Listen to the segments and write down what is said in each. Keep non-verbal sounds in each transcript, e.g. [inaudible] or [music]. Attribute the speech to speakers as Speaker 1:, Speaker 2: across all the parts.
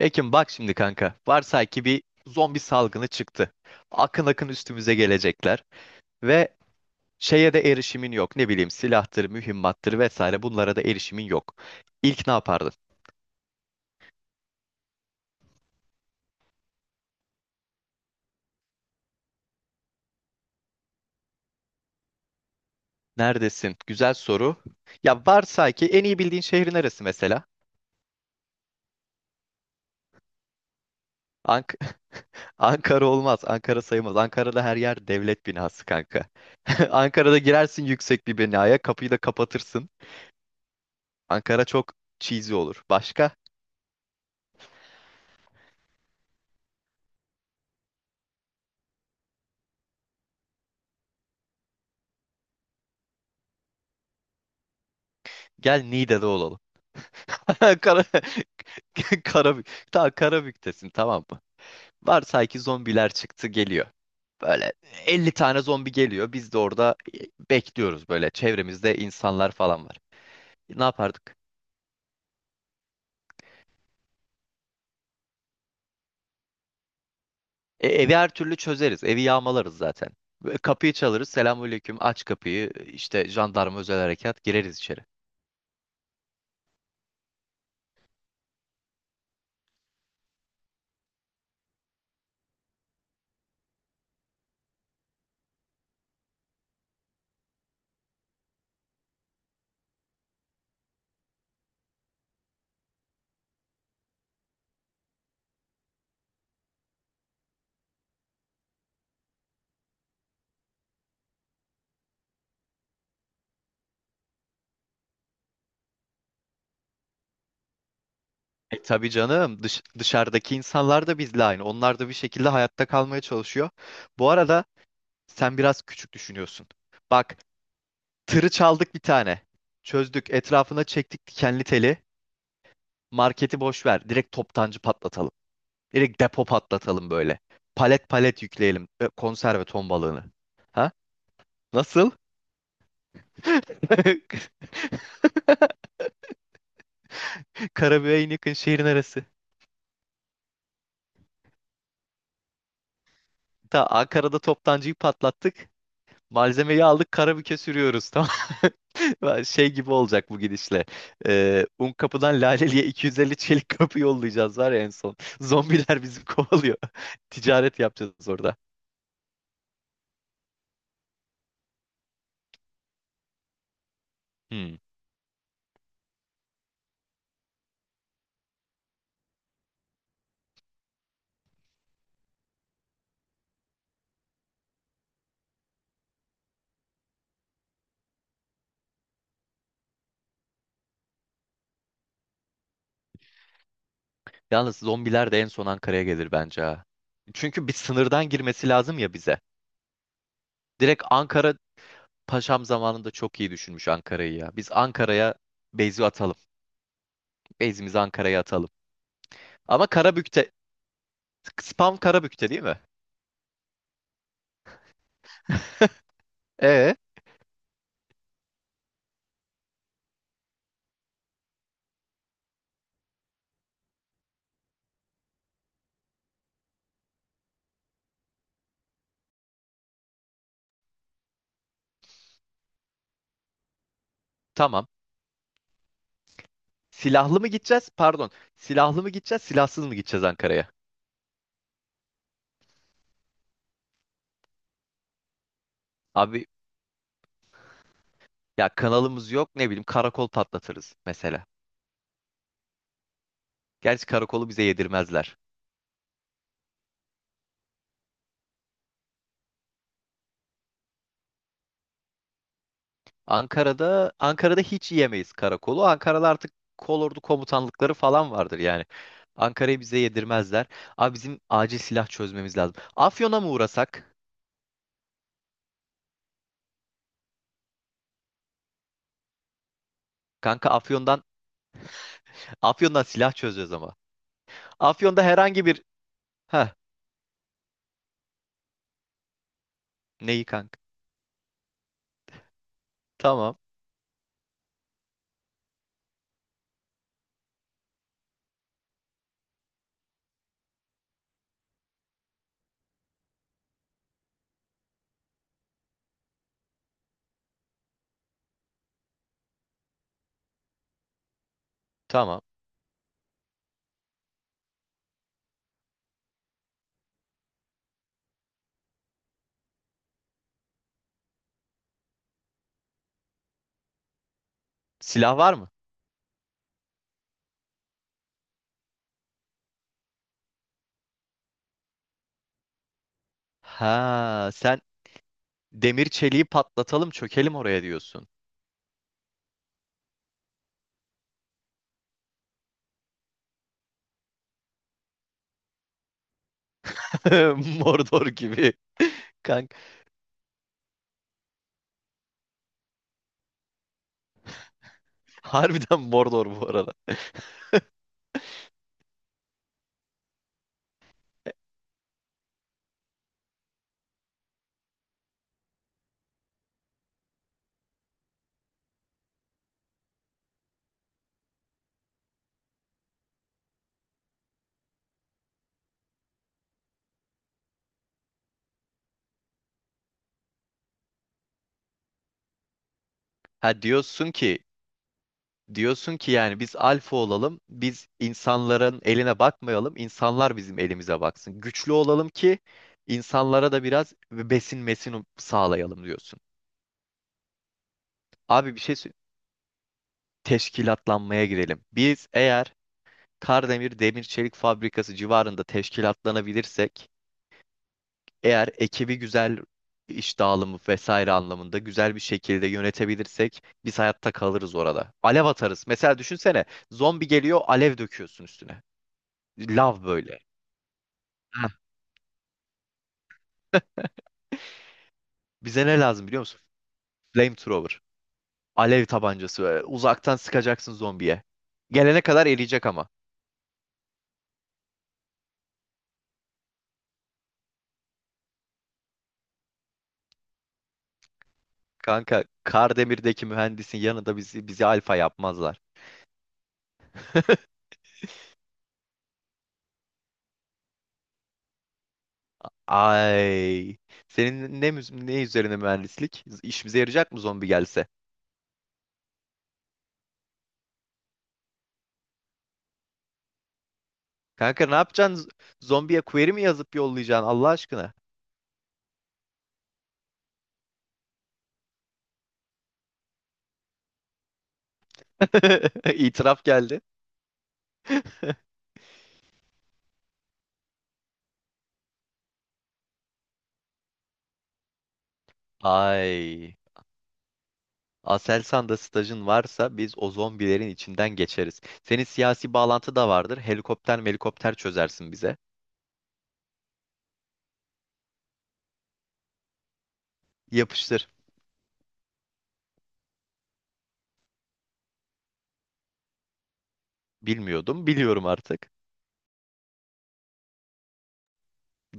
Speaker 1: Ekim bak şimdi kanka. Varsay ki bir zombi salgını çıktı. Akın akın üstümüze gelecekler ve şeye de erişimin yok. Ne bileyim silahtır, mühimmattır vesaire bunlara da erişimin yok. İlk ne yapardın? Neredesin? Güzel soru. Ya varsay ki en iyi bildiğin şehrin neresi mesela? Ank [laughs] Ankara olmaz. Ankara sayılmaz. Ankara'da her yer devlet binası kanka. [laughs] Ankara'da girersin yüksek bir binaya, kapıyı da kapatırsın. Ankara çok cheesy olur. Başka? Gel Niğde'de olalım. [laughs] Kara... [laughs] Karabük. Tamam Karabük'tesin, tamam mı? Varsay ki zombiler çıktı geliyor. Böyle 50 tane zombi geliyor. Biz de orada bekliyoruz böyle. Çevremizde insanlar falan var. Ne yapardık? Evi her türlü çözeriz. Evi yağmalarız zaten. Ve kapıyı çalarız. Selamünaleyküm. Aç kapıyı. İşte jandarma özel harekat. Gireriz içeri. Tabii canım. Dışarıdaki insanlar da bizle aynı. Onlar da bir şekilde hayatta kalmaya çalışıyor. Bu arada sen biraz küçük düşünüyorsun. Bak, tırı çaldık bir tane. Çözdük. Etrafına çektik dikenli teli. Marketi boş ver. Direkt toptancı patlatalım. Direkt depo patlatalım böyle. Palet palet yükleyelim. Konserve ton balığını. Ha? Nasıl? [laughs] Karabüğe en yakın şehrin arası. Ta Ankara'da toptancıyı patlattık. Malzemeyi aldık, karabüke sürüyoruz, tamam. [laughs] Şey gibi olacak bu gidişle. Un kapıdan Laleli'ye 250 çelik kapı yollayacağız var ya en son. Zombiler bizi [laughs] kovalıyor. Ticaret yapacağız orada. Hmm. Yalnız zombiler de en son Ankara'ya gelir bence, ha. Çünkü bir sınırdan girmesi lazım ya bize. Direkt Ankara Paşam zamanında çok iyi düşünmüş Ankara'yı ya. Biz Ankara'ya base'i atalım. Base'imizi Ankara'ya atalım. Ama Karabük'te, spam Karabük'te değil mi? E tamam. Silahlı mı gideceğiz? Pardon. Silahlı mı gideceğiz, silahsız mı gideceğiz Ankara'ya? Abi ya kanalımız yok, ne bileyim karakol patlatırız mesela. Gerçi karakolu bize yedirmezler. Ankara'da hiç yiyemeyiz karakolu. Ankara'da artık kolordu komutanlıkları falan vardır yani. Ankara'yı bize yedirmezler. Abi bizim acil silah çözmemiz lazım. Afyon'a mı uğrasak? Kanka Afyon'dan silah çözeceğiz ama. Afyon'da herhangi bir, ha, neyi kanka? Tamam, tamam. Silah var mı? Ha, sen demir çeliği patlatalım çökelim oraya diyorsun. [laughs] Mordor gibi. Kank Harbiden Mordor bu arada. Ha, diyorsun ki yani biz alfa olalım. Biz insanların eline bakmayalım. İnsanlar bizim elimize baksın. Güçlü olalım ki insanlara da biraz besin mesin sağlayalım diyorsun. Abi teşkilatlanmaya girelim. Biz eğer Kardemir Demir Çelik Fabrikası civarında teşkilatlanabilirsek, eğer ekibi güzel iş dağılımı vesaire anlamında güzel bir şekilde yönetebilirsek biz hayatta kalırız orada. Alev atarız. Mesela düşünsene, zombi geliyor, alev döküyorsun üstüne. Lav böyle. Heh. Bize ne lazım biliyor musun? Flamethrower. Alev tabancası böyle. Uzaktan sıkacaksın zombiye. Gelene kadar eriyecek ama. Kanka Kardemir'deki mühendisin yanında bizi alfa yapmazlar. [laughs] Ay. Senin ne üzerine mühendislik? İşimize yarayacak mı zombi gelse? Kanka ne yapacaksın? Zombiye query mi yazıp yollayacaksın Allah aşkına? [laughs] İtiraf geldi. Ay. Aselsan'da stajın varsa biz o zombilerin içinden geçeriz. Senin siyasi bağlantı da vardır. Helikopter melikopter çözersin bize. Yapıştır. Bilmiyordum, biliyorum artık.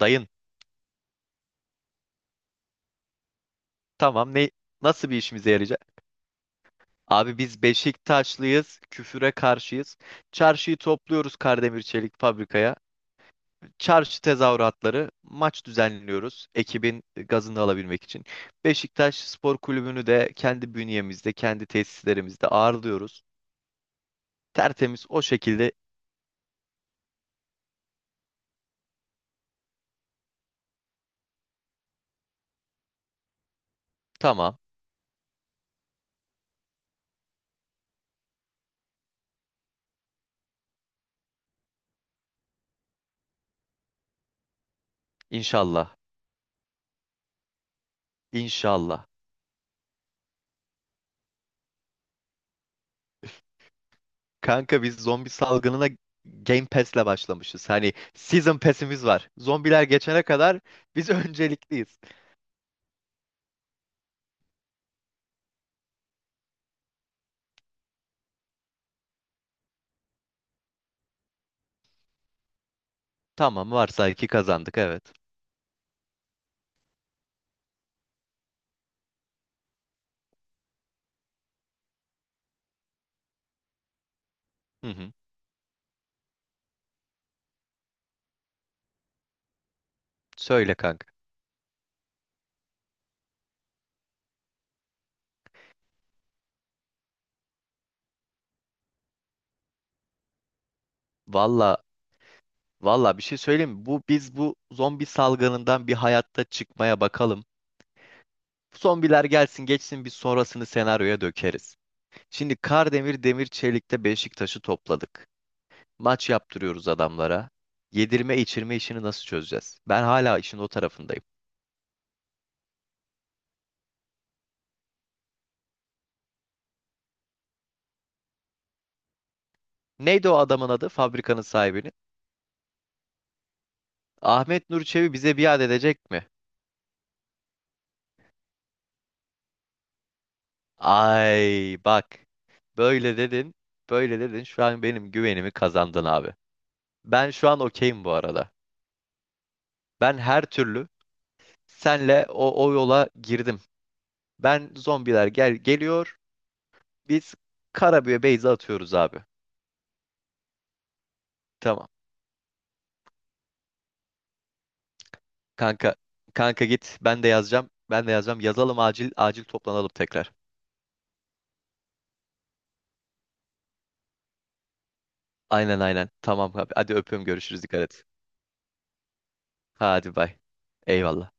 Speaker 1: Dayın. Tamam, nasıl bir işimize yarayacak? Abi biz Beşiktaşlıyız, küfüre karşıyız. Çarşıyı topluyoruz Kardemir Çelik fabrikaya. Çarşı tezahüratları, maç düzenliyoruz ekibin gazını alabilmek için. Beşiktaş Spor Kulübü'nü de kendi bünyemizde, kendi tesislerimizde ağırlıyoruz. Tertemiz o şekilde tamam. İnşallah. İnşallah. Kanka biz zombi salgınına Game Pass'le başlamışız. Hani Season Pass'imiz var. Zombiler geçene kadar biz [laughs] öncelikliyiz. Tamam, varsay ki kazandık, evet. Hı hı. Söyle kanka. Valla, bir şey söyleyeyim mi? Bu zombi salgınından bir hayatta çıkmaya bakalım. Zombiler gelsin geçsin, biz sonrasını senaryoya dökeriz. Şimdi Kardemir Demir Çelik'te Beşiktaş'ı topladık. Maç yaptırıyoruz adamlara. Yedirme içirme işini nasıl çözeceğiz? Ben hala işin o tarafındayım. Neydi o adamın adı? Fabrikanın sahibini. Ahmet Nur Çebi bize biat edecek mi? Ay bak. Böyle dedin. Böyle dedin. Şu an benim güvenimi kazandın abi. Ben şu an okeyim bu arada. Ben her türlü senle o yola girdim. Ben zombiler geliyor. Biz Karabüye Beyza atıyoruz abi. Tamam. Kanka kanka git. Ben de yazacağım. Ben de yazacağım. Yazalım, acil acil toplanalım tekrar. Aynen, aynen. Tamam abi. Hadi öpüyorum görüşürüz, dikkat et. Hadi bay. Eyvallah.